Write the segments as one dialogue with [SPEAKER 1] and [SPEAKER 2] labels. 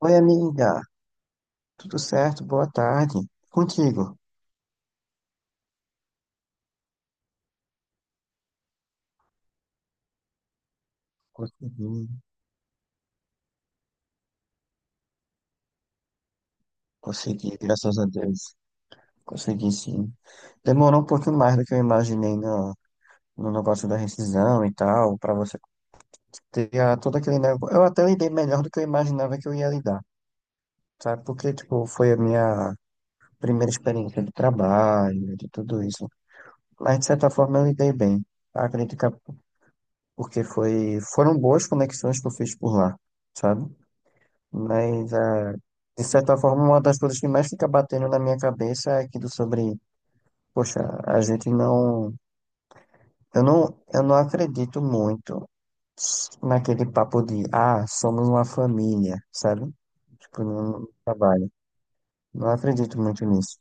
[SPEAKER 1] Oi, amiga. Tudo certo? Boa tarde. Contigo? Consegui, consegui, graças a Deus. Consegui sim. Demorou um pouquinho mais do que eu imaginei no negócio da rescisão e tal, pra você todo aquele negócio. Eu até lidei melhor do que eu imaginava que eu ia lidar, sabe? Porque, tipo, foi a minha primeira experiência de trabalho, de tudo isso. Mas, de certa forma, eu lidei bem. Acredito que é porque foram boas conexões que eu fiz por lá, sabe? Mas, de certa forma, uma das coisas que mais fica batendo na minha cabeça é aquilo sobre, poxa, a gente não. Eu não acredito muito naquele papo de, somos uma família, sabe? Tipo, no trabalho. Não acredito muito nisso.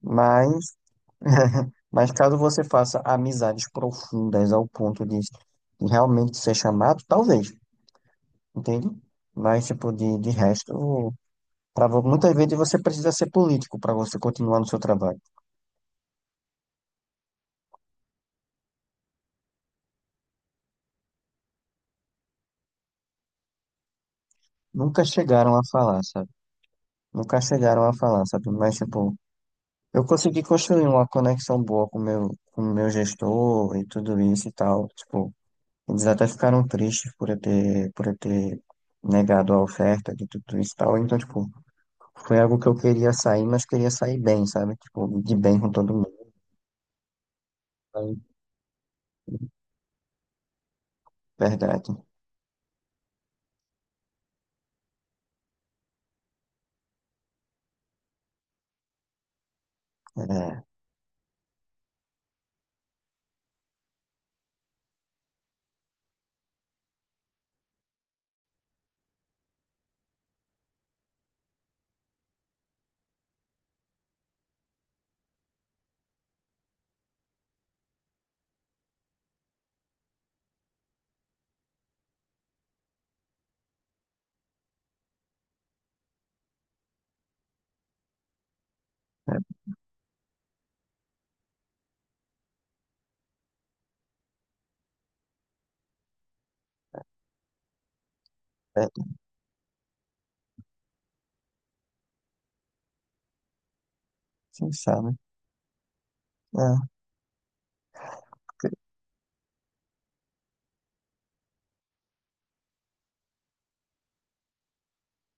[SPEAKER 1] Mas, mas caso você faça amizades profundas ao ponto de realmente ser chamado, talvez, entende? Mas, tipo, de resto. Muitas vezes você precisa ser político para você continuar no seu trabalho. Nunca chegaram a falar, sabe? Nunca chegaram a falar, sabe? Mas, tipo, eu consegui construir uma conexão boa com meu gestor e tudo isso e tal. Tipo, eles até ficaram tristes por eu ter negado a oferta de tudo isso e tal. Então, tipo, foi algo que eu queria sair, mas queria sair bem, sabe? Tipo, de bem com todo mundo. Aí, verdade. É, é, é, é, sim, sabe? É,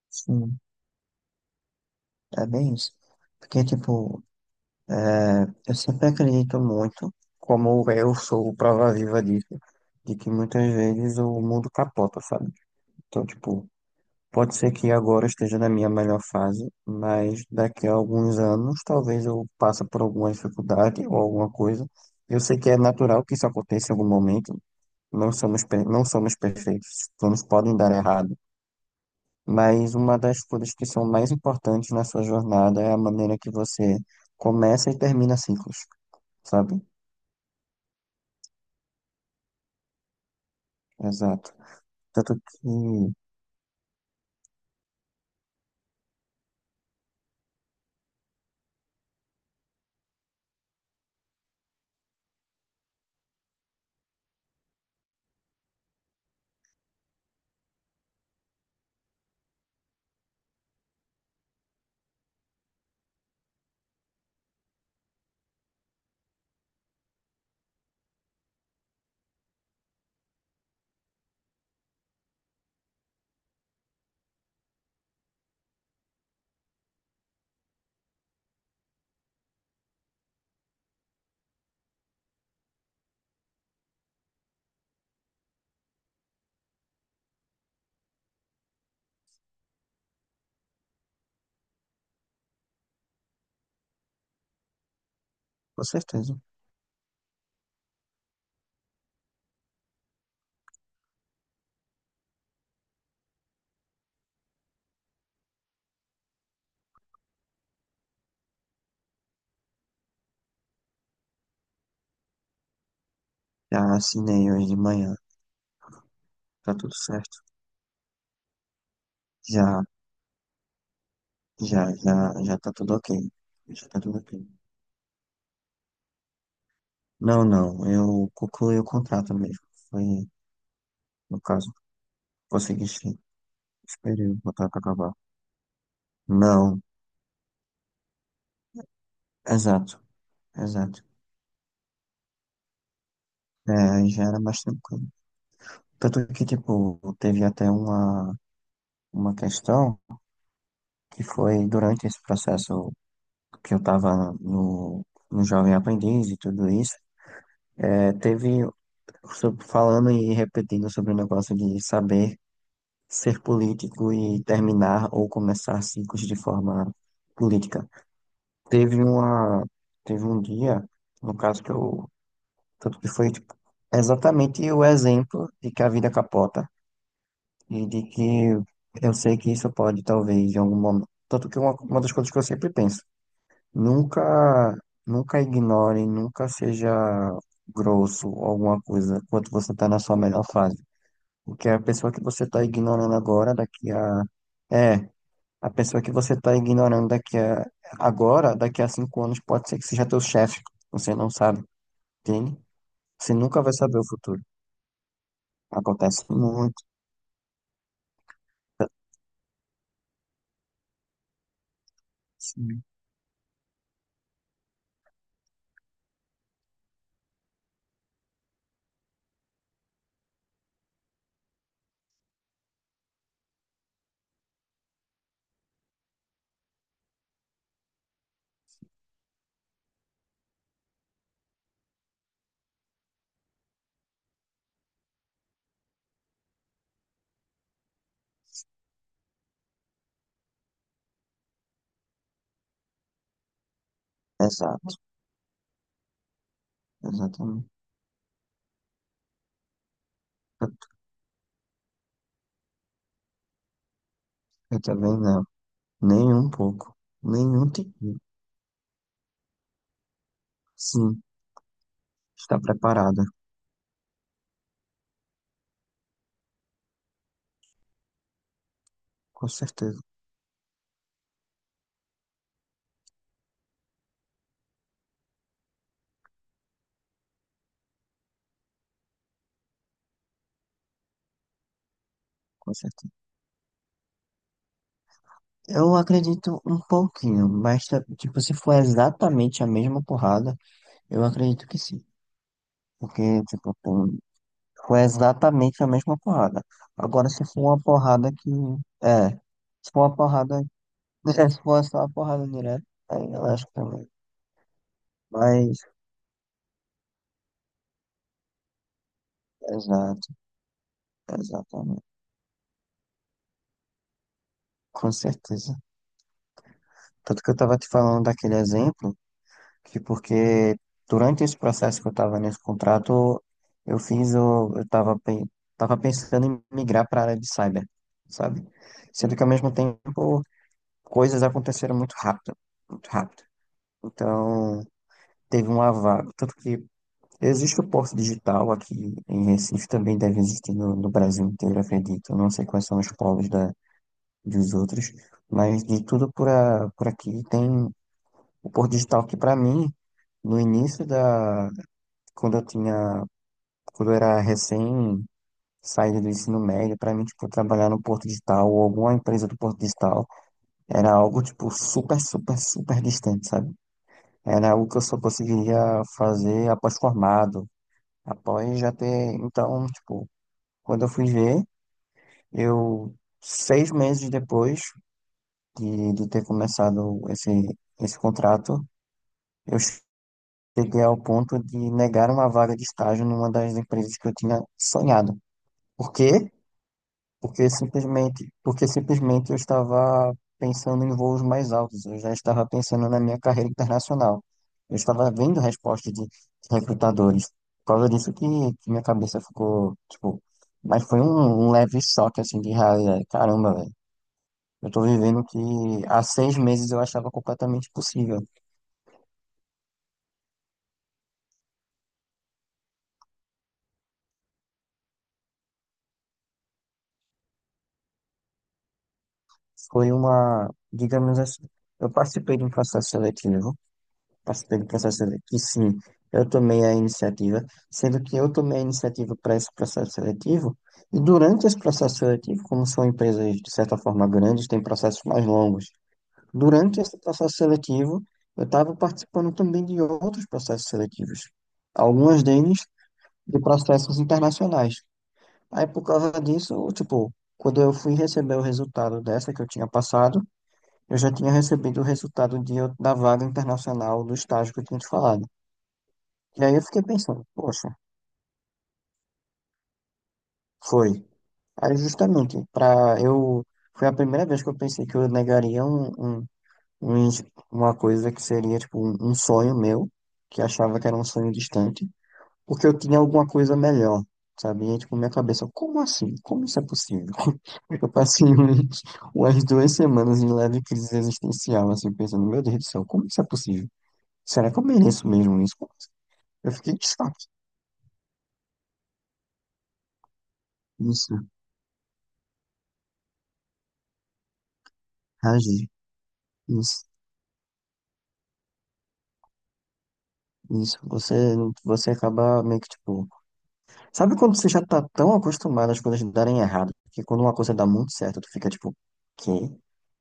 [SPEAKER 1] sim. É bem isso. Porque, tipo, eu sempre acredito muito, como eu sou prova viva disso, de que muitas vezes o mundo capota, sabe? Então, tipo, pode ser que agora eu esteja na minha melhor fase, mas daqui a alguns anos talvez eu passe por alguma dificuldade ou alguma coisa. Eu sei que é natural que isso aconteça em algum momento. Não somos perfeitos. Planos podem dar errado. Mas uma das coisas que são mais importantes na sua jornada é a maneira que você começa e termina ciclos, sabe? Exato. Tanto que, com certeza, já assinei hoje de manhã, tá tudo certo. Já, já, já, já tá tudo ok. Já tá tudo ok. Não, não, eu concluí o contrato mesmo. Foi, no caso, consegui sim. Esperei o contrato acabar. Não, exato, exato. É, aí já era mais tranquilo. Tanto que, tipo, teve até uma questão que foi durante esse processo que eu estava no Jovem Aprendiz e tudo isso, teve falando e repetindo sobre o negócio de saber ser político e terminar ou começar ciclos de forma política. Teve uma, teve um dia, no caso que eu, tanto que foi tipo, exatamente o exemplo de que a vida capota e de que eu sei que isso pode talvez em algum momento, tanto que uma das coisas que eu sempre penso. Nunca, nunca ignore, nunca seja grosso ou alguma coisa enquanto você está na sua melhor fase. Porque a pessoa que você está ignorando agora, daqui a. É, a pessoa que você está ignorando daqui a. Agora, daqui a 5 anos, pode ser que seja teu chefe. Você não sabe, entende? Você nunca vai saber o futuro. Acontece muito. Sim. Exato, exatamente. Eu, eu também não. Nem um pouco. Nenhum tipo. Sim, está preparada. Com certeza, com certeza. Eu acredito um pouquinho, mas tipo, se for exatamente a mesma porrada, eu acredito que sim. Porque, tipo, foi exatamente a mesma porrada. Agora, se for uma porrada que. É, se for uma porrada. É, se for só uma porrada direta, aí eu acho que também. Mas, exato, exatamente. Com certeza. Tanto que eu tava te falando daquele exemplo, que porque durante esse processo que eu estava nesse contrato, eu fiz o, eu estava tava pe- tava pensando em migrar para a área de cyber, sabe? Sendo que ao mesmo tempo coisas aconteceram muito rápido, muito rápido. Então, teve um vaga, tanto que existe o Porto Digital aqui em Recife, também deve existir no Brasil inteiro, acredito. Eu não sei quais são os polos dos outros, mas de tudo por, a, por aqui tem o Porto Digital que para mim no início da, quando eu tinha, quando eu era recém saído do ensino médio. Para mim, tipo, trabalhar no Porto Digital ou alguma empresa do Porto Digital era algo, tipo, super, super, super distante, sabe? Era algo que eu só conseguiria fazer após formado, após já ter. Então, tipo, quando eu fui ver, eu, 6 meses depois de ter começado esse contrato, eu cheguei ao ponto de negar uma vaga de estágio numa das empresas que eu tinha sonhado. Por quê? Porque simplesmente, eu estava pensando em voos mais altos, eu já estava pensando na minha carreira internacional. Eu estava vendo respostas de recrutadores. Por causa disso que minha cabeça ficou, tipo, mas foi um leve choque assim de realidade. Caramba, velho. Eu tô vivendo o que há 6 meses eu achava completamente possível. Digamos assim, eu participei de um processo seletivo, passo pelo processo seletivo. Sim, eu tomei a iniciativa, sendo que eu tomei a iniciativa para esse processo seletivo, e durante esse processo seletivo, como são empresas de certa forma grandes, têm processos mais longos. Durante esse processo seletivo, eu estava participando também de outros processos seletivos, algumas deles de processos internacionais. Aí, por causa disso, tipo, quando eu fui receber o resultado dessa que eu tinha passado, eu já tinha recebido o resultado da vaga internacional do estágio que eu tinha te falado. E aí eu fiquei pensando, poxa, foi. Aí justamente, pra eu. Foi a primeira vez que eu pensei que eu negaria um, um ins- uma coisa que seria, tipo, um sonho meu, que achava que era um sonho distante, porque eu tinha alguma coisa melhor, sabe? E aí, tipo, minha cabeça, como assim? Como isso é possível? Eu passei umas 2 semanas em leve crise existencial, assim, pensando, meu Deus do céu, como isso é possível? Será que eu mereço mesmo isso? Eu fiquei de choque. Isso, agi. Isso. Isso, você acaba meio que tipo. Sabe quando você já tá tão acostumado às coisas darem errado, que quando uma coisa dá muito certo, tu fica tipo, quê?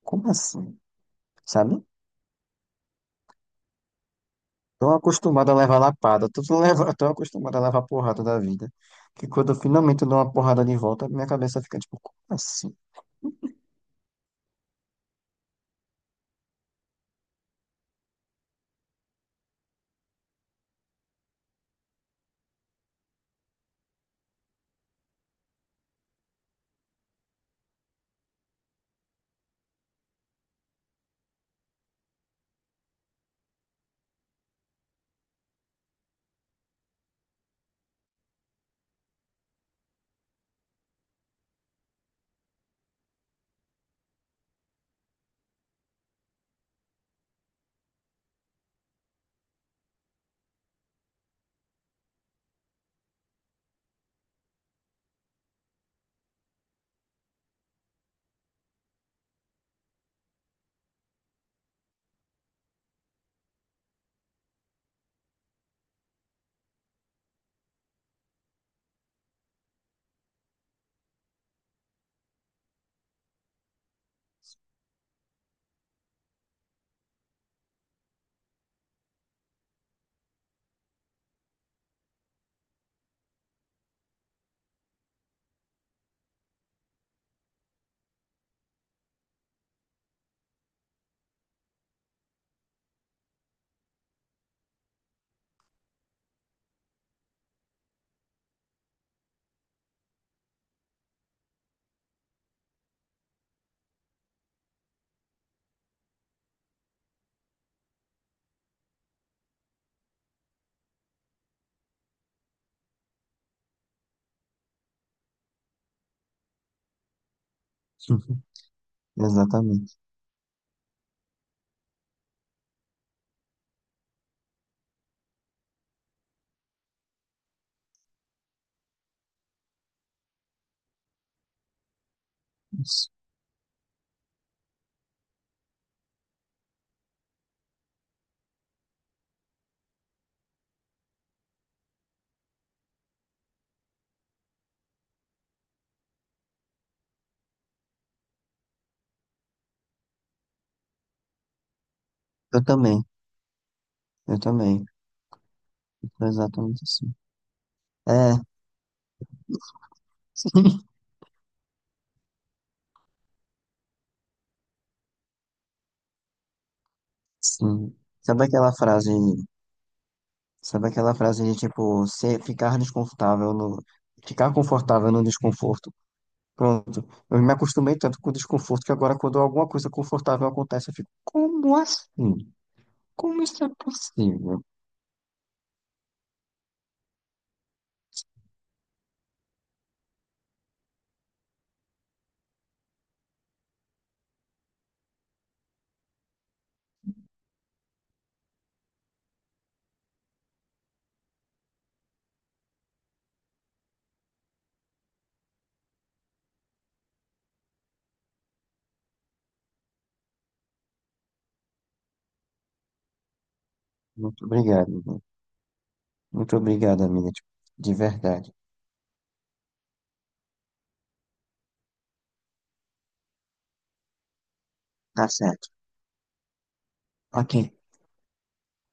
[SPEAKER 1] Como assim? Sabe? Tão acostumado a levar lapada, tô, tô tão acostumado a levar porrada da vida, que quando eu finalmente dou uma porrada de volta, minha cabeça fica tipo, como assim? Uhum. Exatamente. Isso. Eu também, eu também, eu tô exatamente assim. É, sim. Sabe aquela frase. Sabe aquela frase de tipo, se ficar desconfortável no. Ficar confortável no desconforto. Pronto. Eu me acostumei tanto com o desconforto que agora, quando alguma coisa confortável acontece, eu fico, como assim? Como isso é possível? Muito obrigado, viu? Muito obrigado, amiga. Tipo, de verdade. Tá certo. Ok.